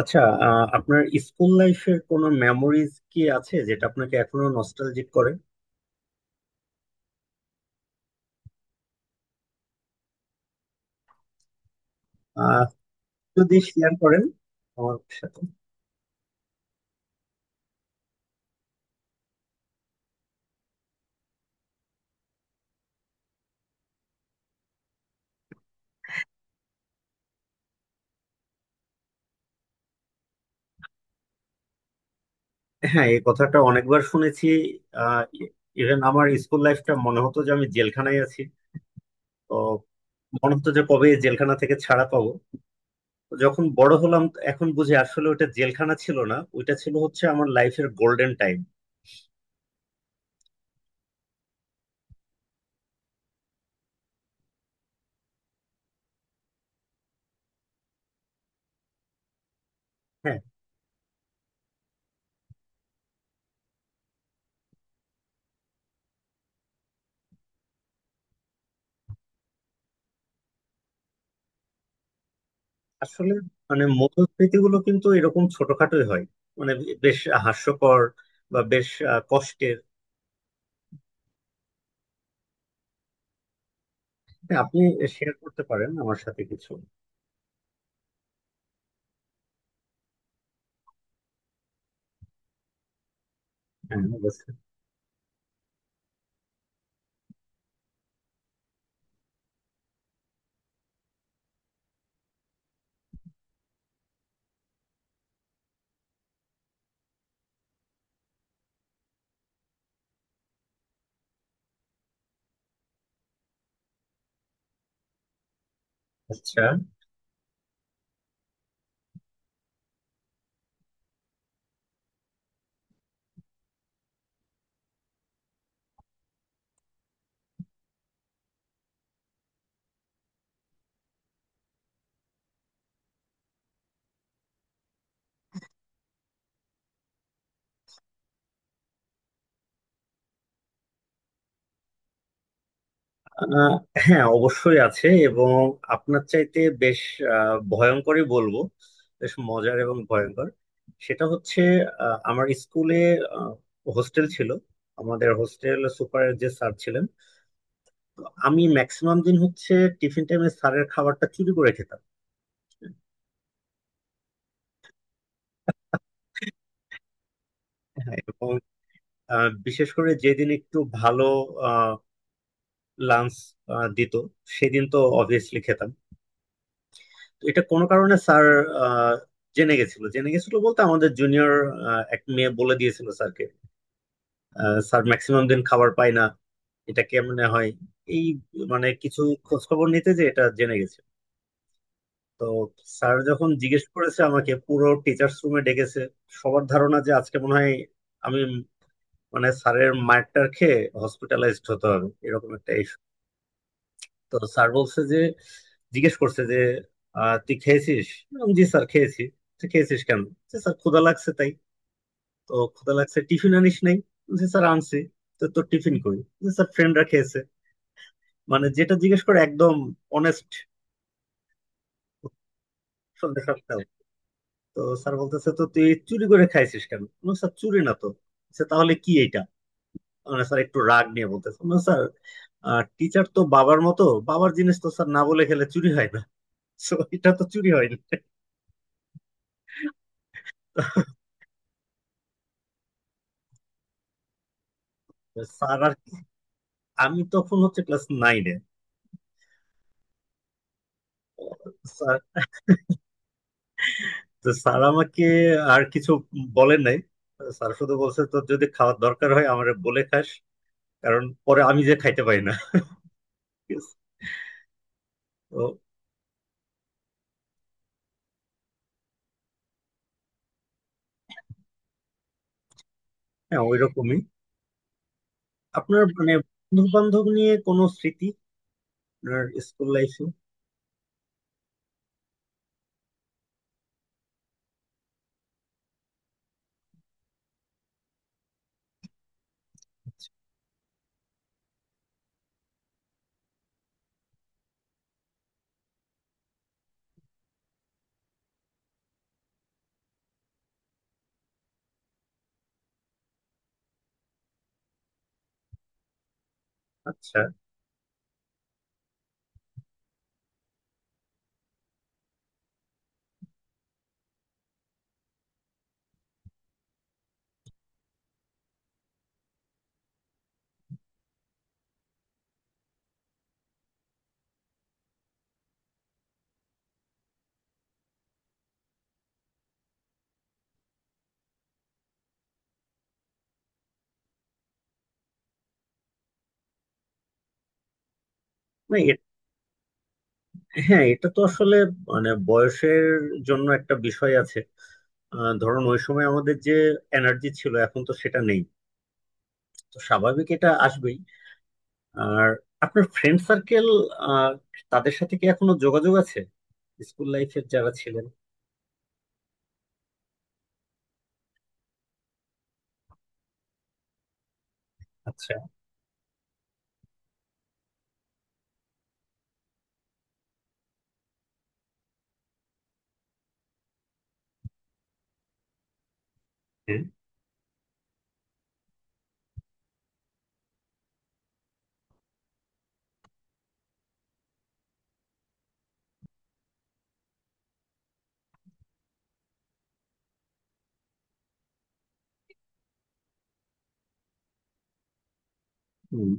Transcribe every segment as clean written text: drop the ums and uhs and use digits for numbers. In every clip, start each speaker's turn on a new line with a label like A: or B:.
A: আচ্ছা। আপনার স্কুল লাইফের কোনো মেমোরিজ কি আছে যেটা আপনাকে এখনো নস্টালজিক করে? আহ, যদি শেয়ার করেন আমার সাথে। হ্যাঁ, এই কথাটা অনেকবার শুনেছি। আহ ইভেন আমার স্কুল লাইফটা মনে হতো যে আমি জেলখানায় আছি। তো মনে হতো যে কবে এই জেলখানা থেকে ছাড়া পাবো। তো যখন বড় হলাম, এখন বুঝি আসলে ওটা জেলখানা ছিল না, ওইটা ছিল হচ্ছে আমার লাইফের গোল্ডেন টাইম। আসলে মানে মধুস্মৃতি গুলো কিন্তু এরকম ছোটখাটোই হয়। মানে বেশ হাস্যকর বা বেশ কষ্টের। হ্যাঁ, আপনি শেয়ার করতে পারেন আমার সাথে কিছু? হ্যাঁ, অবশ্যই। আচ্ছা। আহ, হ্যাঁ, অবশ্যই আছে। এবং আপনার চাইতে বেশ ভয়ঙ্করই বলবো। বেশ মজার এবং ভয়ঙ্কর। সেটা হচ্ছে, আমার স্কুলে হোস্টেল ছিল। আমাদের হোস্টেল সুপারের যে স্যার ছিলেন, তো আমি ম্যাক্সিমাম দিন হচ্ছে টিফিন টাইমে স্যারের খাবারটা চুরি করে খেতাম। হ্যাঁ, এবং বিশেষ করে যেদিন একটু ভালো লাঞ্চ দিত, সেদিন তো অবভিয়াসলি খেতাম। তো এটা কোনো কারণে স্যার আহ, জেনে গেছিল। জেনে গেছিল বলতে আমাদের জুনিয়র এক মেয়ে বলে দিয়েছিল স্যারকে, স্যার ম্যাক্সিমাম দিন খাবার পায় না, এটা কেমনে হয়, এই মানে কিছু খোঁজ খবর নিতে যে এটা জেনে গেছে। তো স্যার যখন জিজ্ঞেস করেছে, আমাকে পুরো টিচার্স রুমে ডেকেছে। সবার ধারণা যে আজকে মনে হয় আমি মানে স্যারের মারটার খেয়ে হসপিটালাইজড হতে হবে, এরকম একটা। তো স্যার বলছে যে, জিজ্ঞেস করছে যে, তুই খেয়েছিস? আমি বললাম, জি স্যার, খেয়েছি। তো খেয়েছিস কেন? যে স্যার, ক্ষুধা লাগছে তাই। তো ক্ষুধা লাগছে, টিফিন আনিস নাই? যে স্যার, আনছি। তো তোর টিফিন কই? যে স্যার, ফ্রেন্ডরা খেয়েছে। মানে যেটা জিজ্ঞেস করে একদম অনেস্ট, সত্যি সত্যি। তো স্যার বলতেছে, তো তুই চুরি করে খাইছিস কেন? আমি বললাম, স্যার, চুরি না তো। সে তাহলে কি এটা, মানে স্যার একটু রাগ নিয়ে বলতেছে। আমি বললাম, স্যার, টিচার তো বাবার মতো, বাবার জিনিস তো স্যার না বলে খেলে চুরি হয় না। So, এটা তো চুরি হয়নি। স্যার আর কি- আমি তখন হচ্ছে ক্লাস নাইনে। স্যার, তো স্যার আমাকে আর কিছু বলেন নাই। স্যার শুধু বলছে, তো যদি খাওয়ার দরকার হয় আমারে বলে খাস। কারণ পরে আমি যে খাইতে পারি না। ঠিক আছে? তো হ্যাঁ, ওই রকমই। আপনার মানে বন্ধু বান্ধব নিয়ে কোনো স্মৃতি আপনার স্কুল লাইফে? আচ্ছা। না, হ্যাঁ, এটা তো আসলে মানে বয়সের জন্য একটা বিষয় আছে। ধরুন ওই সময় আমাদের যে এনার্জি ছিল, এখন তো সেটা নেই। তো স্বাভাবিক, এটা আসবেই। আর আপনার ফ্রেন্ড সার্কেল, তাদের সাথে কি এখনো যোগাযোগ আছে? স্কুল লাইফের যারা ছিলেন? আচ্ছা। হ্যাঁ। হুম।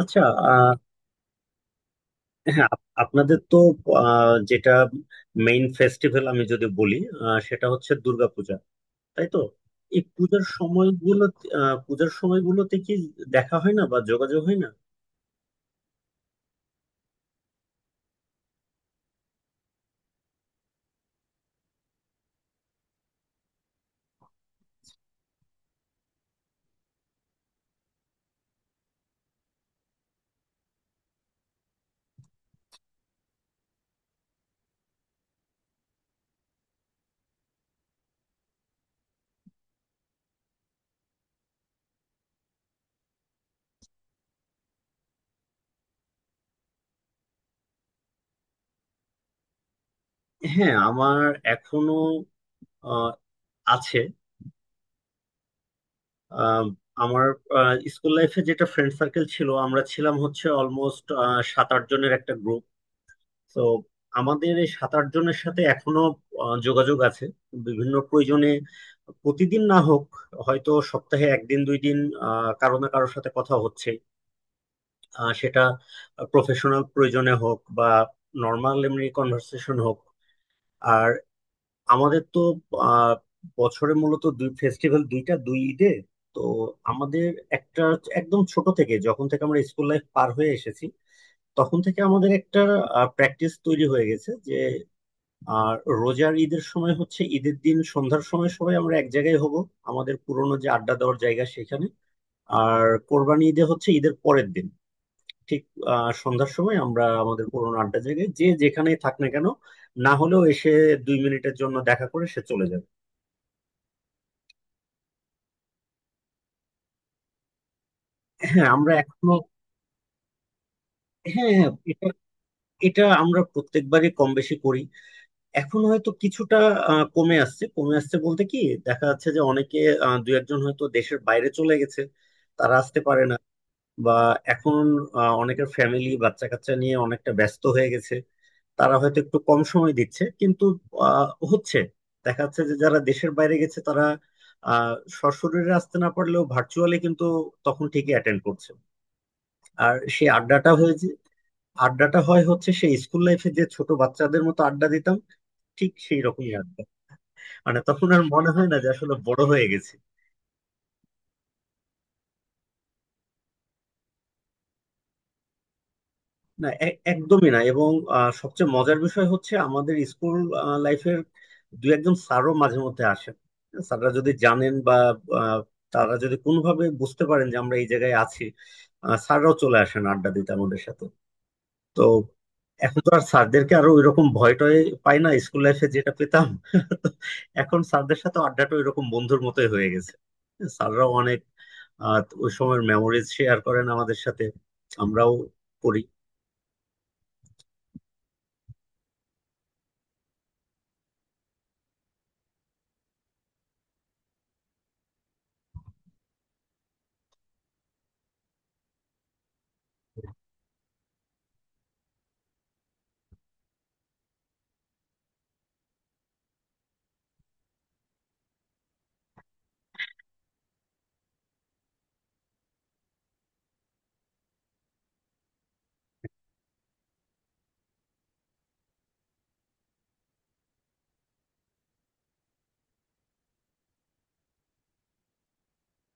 A: আচ্ছা। আহ, হ্যাঁ, আপনাদের তো যেটা মেইন ফেস্টিভ্যাল আমি যদি বলি, সেটা হচ্ছে দুর্গাপূজা, তাই তো? এই পূজার সময়গুলো, পূজার সময়গুলোতে কি দেখা হয় না বা যোগাযোগ হয় না? হ্যাঁ, আমার এখনো আহ, আছে। আহ, আমার স্কুল লাইফে যেটা ফ্রেন্ড সার্কেল ছিল, আমরা ছিলাম হচ্ছে অলমোস্ট সাত আট জনের একটা গ্রুপ। তো আমাদের এই সাত আট জনের সাথে এখনো যোগাযোগ আছে। বিভিন্ন প্রয়োজনে, প্রতিদিন না হোক, হয়তো সপ্তাহে একদিন দুই দিন কারো না কারোর সাথে কথা হচ্ছে। সেটা প্রফেশনাল প্রয়োজনে হোক বা নর্মাল এমনি কনভার্সেশন হোক। আর আমাদের তো আহ বছরে মূলত দুই ফেস্টিভ্যাল, দুইটা দুই ঈদে। তো আমাদের একটা, একদম ছোট থেকে যখন থেকে আমরা স্কুল লাইফ পার হয়ে এসেছি, তখন থেকে আমাদের একটা প্র্যাকটিস তৈরি হয়ে গেছে যে আর রোজার ঈদের সময় হচ্ছে ঈদের দিন সন্ধ্যার সময় সবাই আমরা এক জায়গায় হব, আমাদের পুরোনো যে আড্ডা দেওয়ার জায়গা সেখানে। আর কোরবানি ঈদে হচ্ছে ঈদের পরের দিন ঠিক সন্ধ্যার সময় আমরা আমাদের পুরোনো আড্ডা জায়গায়, যে যেখানেই থাক না কেন, না হলেও এসে দুই মিনিটের জন্য দেখা করে সে চলে যাবে। হ্যাঁ, আমরা এখনো। হ্যাঁ, হ্যাঁ, এটা এটা আমরা প্রত্যেকবারই কম বেশি করি। এখন হয়তো কিছুটা কমে আসছে। কমে আসছে বলতে কি, দেখা যাচ্ছে যে অনেকে, দু একজন হয়তো দেশের বাইরে চলে গেছে, তারা আসতে পারে না। বা এখন অনেকের ফ্যামিলি বাচ্চা কাচ্চা নিয়ে অনেকটা ব্যস্ত হয়ে গেছে, তারা হয়তো একটু কম সময় দিচ্ছে। কিন্তু আহ, হচ্ছে, দেখা যাচ্ছে যে যারা দেশের বাইরে গেছে তারা আহ সশরীরে আসতে না পারলেও ভার্চুয়ালি কিন্তু তখন ঠিকই অ্যাটেন্ড করছে। আর সেই আড্ডাটা হয়েছে। আড্ডাটা হয় হচ্ছে সেই স্কুল লাইফে যে ছোট বাচ্চাদের মতো আড্ডা দিতাম, ঠিক সেই রকমই আড্ডা। মানে তখন আর মনে হয় না যে আসলে বড় হয়ে গেছি। না, একদমই না। এবং সবচেয়ে মজার বিষয় হচ্ছে আমাদের স্কুল লাইফের দু একজন স্যারও মাঝে মধ্যে আসেন। স্যাররা যদি জানেন বা আহ, তারা যদি কোনোভাবে বুঝতে পারেন যে আমরা এই জায়গায় আছি, স্যাররাও চলে আসেন আড্ডা দিতে আমাদের সাথে। তো এখন তো আর স্যারদেরকে আরো ওই রকম ভয় টয় পাই না, স্কুল লাইফে যেটা পেতাম। তো এখন স্যারদের সাথে আড্ডাটা ওই রকম বন্ধুর মতোই হয়ে গেছে। স্যাররাও অনেক ওই সময়ের মেমোরিজ শেয়ার করেন আমাদের সাথে, আমরাও করি।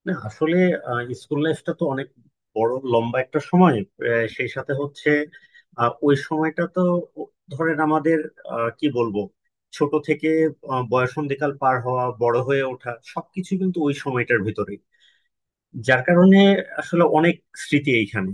A: না, আসলে স্কুল লাইফটা তো অনেক বড় লম্বা একটা সময়। সেই সাথে হচ্ছে ওই সময়টা তো ধরেন আমাদের, কি বলবো, ছোট থেকে বয়সন্ধিকাল পার হওয়া বড় হয়ে ওঠা সবকিছু কিন্তু ওই সময়টার ভিতরে, যার কারণে আসলে অনেক স্মৃতি এইখানে।